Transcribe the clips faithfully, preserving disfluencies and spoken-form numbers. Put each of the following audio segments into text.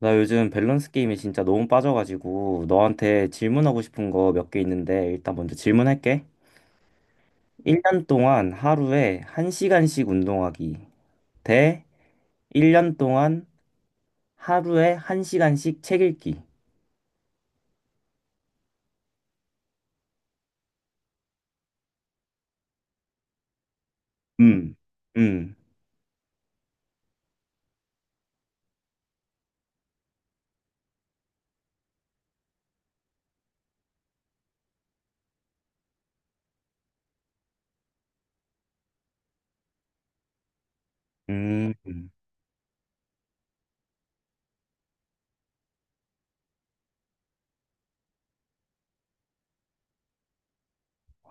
나 요즘 밸런스 게임에 진짜 너무 빠져가지고 너한테 질문하고 싶은 거 몇 개 있는데 일단 먼저 질문할게. 일 년 동안 하루에 한 시간씩 운동하기 대 일 년 동안 하루에 한 시간씩 책 읽기. 음. 음. 음. 음.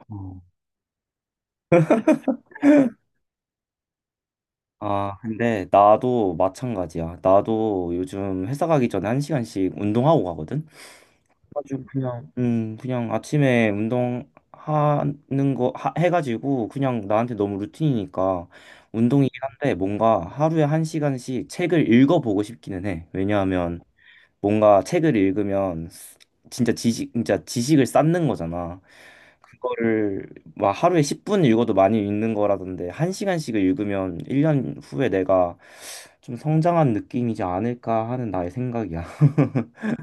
어. 아, 근데 나도 마찬가지야. 나도 요즘 회사 가기 전에 한 시간씩 운동하고 가거든. 가지고 그냥 음 그냥 아침에 운동하는 거 하, 해가지고 그냥 나한테 너무 루틴이니까 운동이긴 한데 뭔가 하루에 한 시간씩 책을 읽어보고 싶기는 해. 왜냐하면 뭔가 책을 읽으면 진짜 지식 진짜 지식을 쌓는 거잖아. 그거를 막 하루에 십 분 읽어도 많이 읽는 거라던데 한시간씩을 읽으면 일 년 후에 내가 좀 성장한 느낌이지 않을까 하는 나의 생각이야.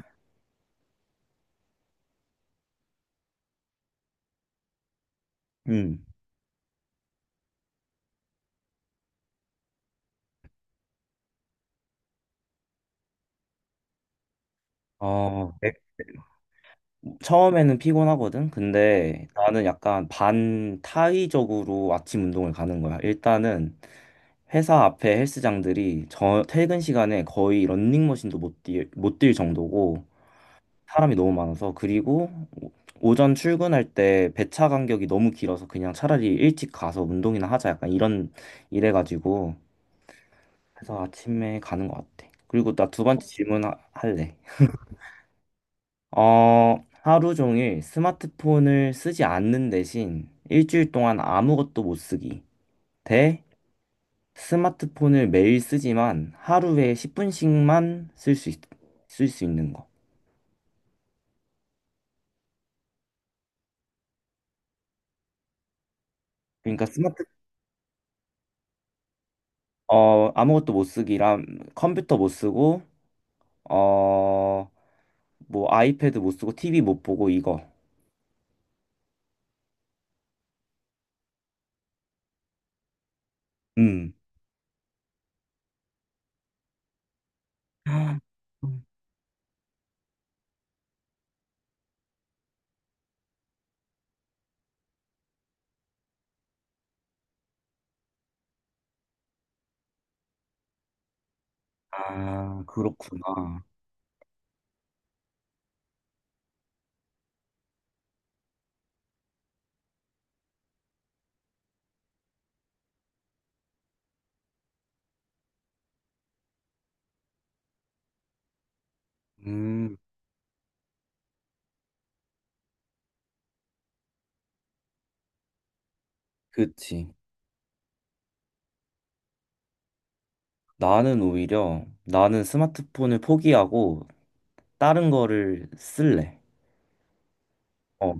음. 어, 처음에는 피곤하거든. 근데 음. 나는 약간 반타의적으로 아침 운동을 가는 거야. 일단은 회사 앞에 헬스장들이 저 퇴근 시간에 거의 런닝머신도 못 뛸, 못 뛸 정도고 사람이 너무 많아서 그리고 오- 오전 출근할 때 배차 간격이 너무 길어서 그냥 차라리 일찍 가서 운동이나 하자 약간 이런 이래가지고 그래서 아침에 가는 것 같아. 그리고 나 두 번째 질문 하- 할래. 어, 하루 종일 스마트폰을 쓰지 않는 대신 일주일 동안 아무것도 못 쓰기. 대 스마트폰을 매일 쓰지만 하루에 십 분씩만 쓸 수, 쓸 수 있는 거. 그러니까 스마트, 어, 아무것도 못 쓰기랑 컴퓨터 못 쓰고, 어, 뭐 아이패드 못 쓰고 티비 못 보고 이거. 음. 아, 그렇구나. 음, 그치. 나는 오히려 나는 스마트폰을 포기하고 다른 거를 쓸래. 어.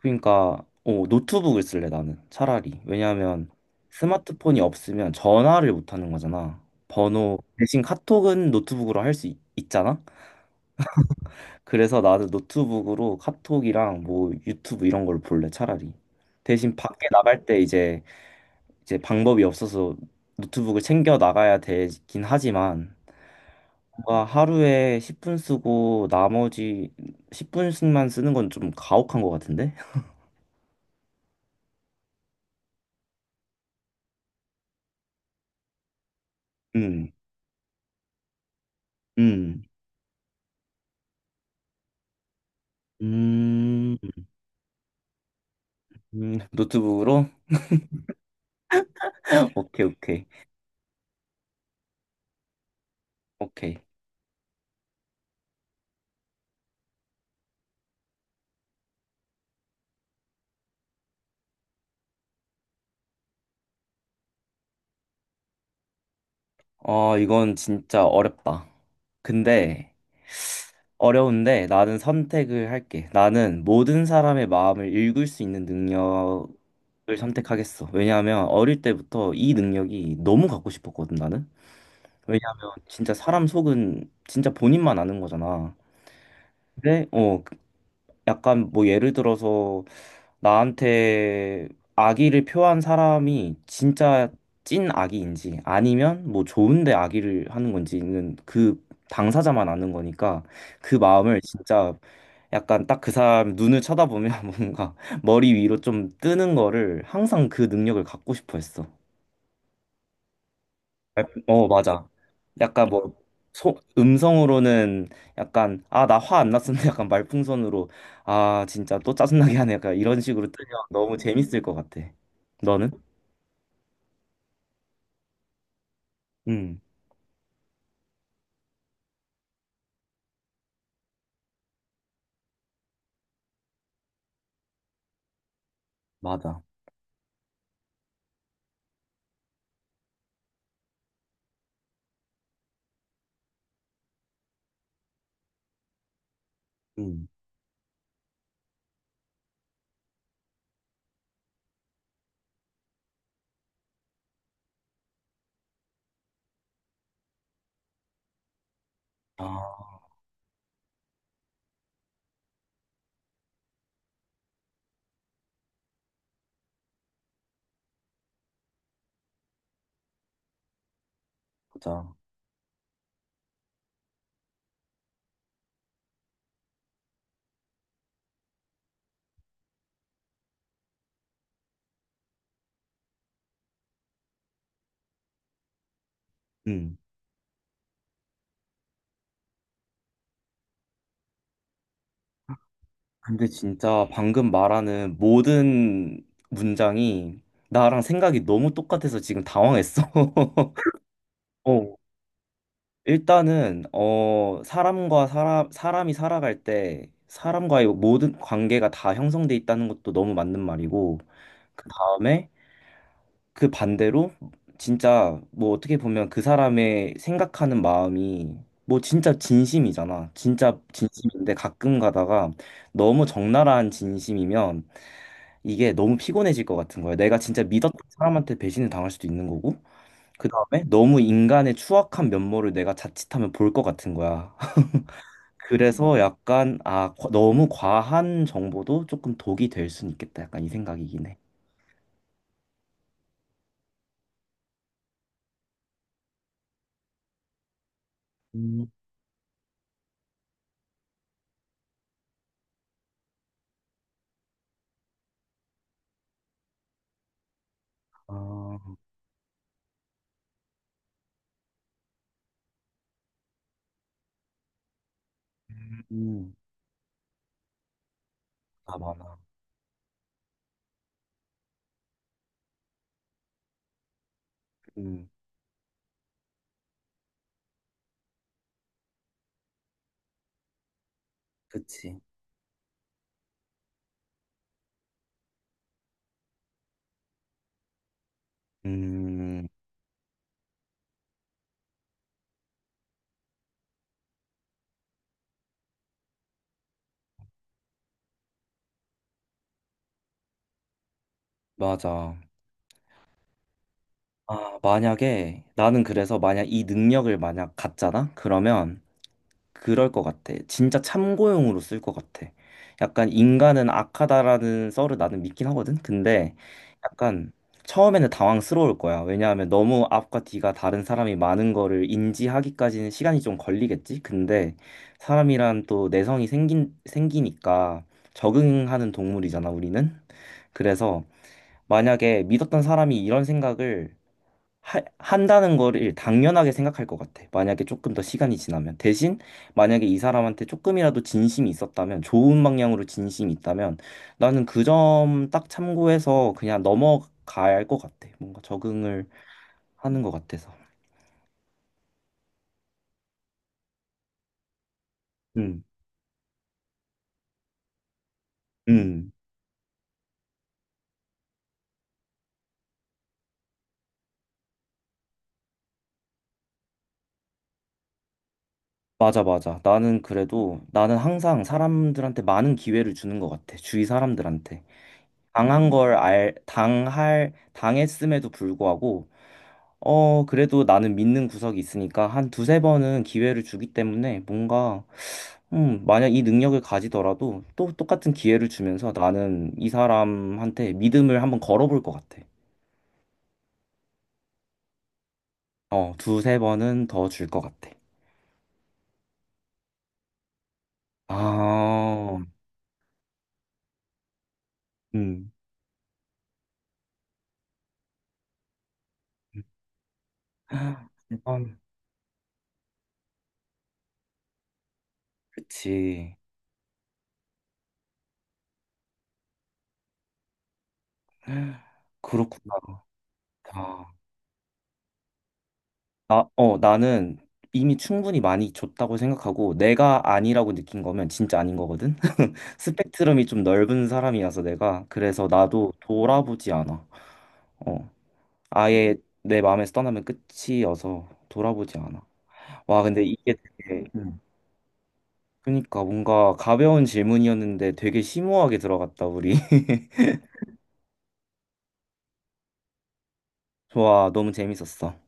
그러니까 어, 노트북을 쓸래 나는 차라리. 왜냐하면 스마트폰이 없으면 전화를 못 하는 거잖아. 번호 대신 카톡은 노트북으로 할 수 있잖아. 그래서 나도 노트북으로 카톡이랑 뭐 유튜브 이런 걸 볼래 차라리. 대신 밖에 나갈 때 이제 이제 방법이 없어서 노트북을 챙겨 나가야 되긴 하지만 뭔가 하루에 십 분 쓰고 나머지 십 분씩만 쓰는 건 좀 가혹한 것 같은데? 음, 음, 음, 음, 노트북으로? 오케이, 오케이, 오케이. 어, 이건 진짜 어렵다. 근데, 어려운데 나는 선택을 할게. 나는 모든 사람의 마음을 읽을 수 있는 능력을 선택하겠어. 왜냐하면 어릴 때부터 이 능력이 너무 갖고 싶었거든, 나는. 왜냐하면 진짜 사람 속은 진짜 본인만 아는 거잖아. 근데, 어, 약간 뭐 예를 들어서 나한테 악의를 표한 사람이 진짜 찐 악의인지 아니면 뭐 좋은데 악의를 하는 건지는 그 당사자만 아는 거니까 그 마음을 진짜 약간 딱 그 사람 눈을 쳐다보면 뭔가 머리 위로 좀 뜨는 거를 항상 그 능력을 갖고 싶어 했어. 랩- 어, 맞아. 약간 뭐, 소, 음성으로는 약간, 아, 나 화 안 났었는데 약간 말풍선으로, 아, 진짜 또 짜증나게 하네. 약간 이런 식으로 뜨면 너무 재밌을 것 같아. 너는? 응, 맞아. 응, 아, 맞아. 응. 근데 진짜 방금 말하는 모든 문장이 나랑 생각이 너무 똑같아서 지금 당황했어. 어, 일단은 어 사람과 사람 사람이 살아갈 때 사람과의 모든 관계가 다 형성돼 있다는 것도 너무 맞는 말이고 그 다음에 그 반대로 진짜 뭐 어떻게 보면 그 사람의 생각하는 마음이 뭐 진짜 진심이잖아. 진짜 진심인데 가끔 가다가 너무 적나라한 진심이면 이게 너무 피곤해질 것 같은 거야. 내가 진짜 믿었던 사람한테 배신을 당할 수도 있는 거고 그 다음에 너무 인간의 추악한 면모를 내가 자칫하면 볼 것 같은 거야. 그래서 약간 아 과- 너무 과한 정보도 조금 독이 될 수는 있겠다. 약간 이 생각이긴 해. 음, 아, 음, 아 많아. 음, 그치. 음, 맞아. 아 만약에 나는 그래서 만약 이 능력을 만약 갖잖아? 그러면 그럴 것 같아. 진짜 참고용으로 쓸 것 같아. 약간 인간은 악하다라는 썰을 나는 믿긴 하거든. 근데 약간 처음에는 당황스러울 거야. 왜냐하면 너무 앞과 뒤가 다른 사람이 많은 거를 인지하기까지는 시간이 좀 걸리겠지. 근데 사람이란 또 내성이 생긴, 생기니까 적응하는 동물이잖아, 우리는. 그래서 만약에 믿었던 사람이 이런 생각을 하, 한다는 거를 당연하게 생각할 것 같아. 만약에 조금 더 시간이 지나면. 대신 만약에 이 사람한테 조금이라도 진심이 있었다면, 좋은 방향으로 진심이 있다면, 나는 그 점 딱 참고해서 그냥 넘어갈 것 같아. 뭔가 적응을 하는 것 같아서. 음, 음. 맞아, 맞아. 나는 그래도, 나는 항상 사람들한테 많은 기회를 주는 것 같아. 주위 사람들한테. 당한 걸 알, 당할, 당했음에도 불구하고, 어, 그래도 나는 믿는 구석이 있으니까 한 두세 번은 기회를 주기 때문에 뭔가, 음, 만약 이 능력을 가지더라도 또 똑같은 기회를 주면서 나는 이 사람한테 믿음을 한번 걸어볼 것 같아. 어, 두세 번은 더 줄 것 같아. 아, 음. 이건 그치. 그렇구나. 아, 나, 어, 나는 이미 충분히 많이 줬다고 생각하고 내가 아니라고 느낀 거면 진짜 아닌 거거든. 스펙트럼이 좀 넓은 사람이라서 내가 그래서 나도 돌아보지 않아. 어. 아예 내 마음에서 떠나면 끝이어서 돌아보지 않아. 와, 근데 이게 되게 음. 그러니까 뭔가 가벼운 질문이었는데 되게 심오하게 들어갔다, 우리. 좋아, 너무 재밌었어.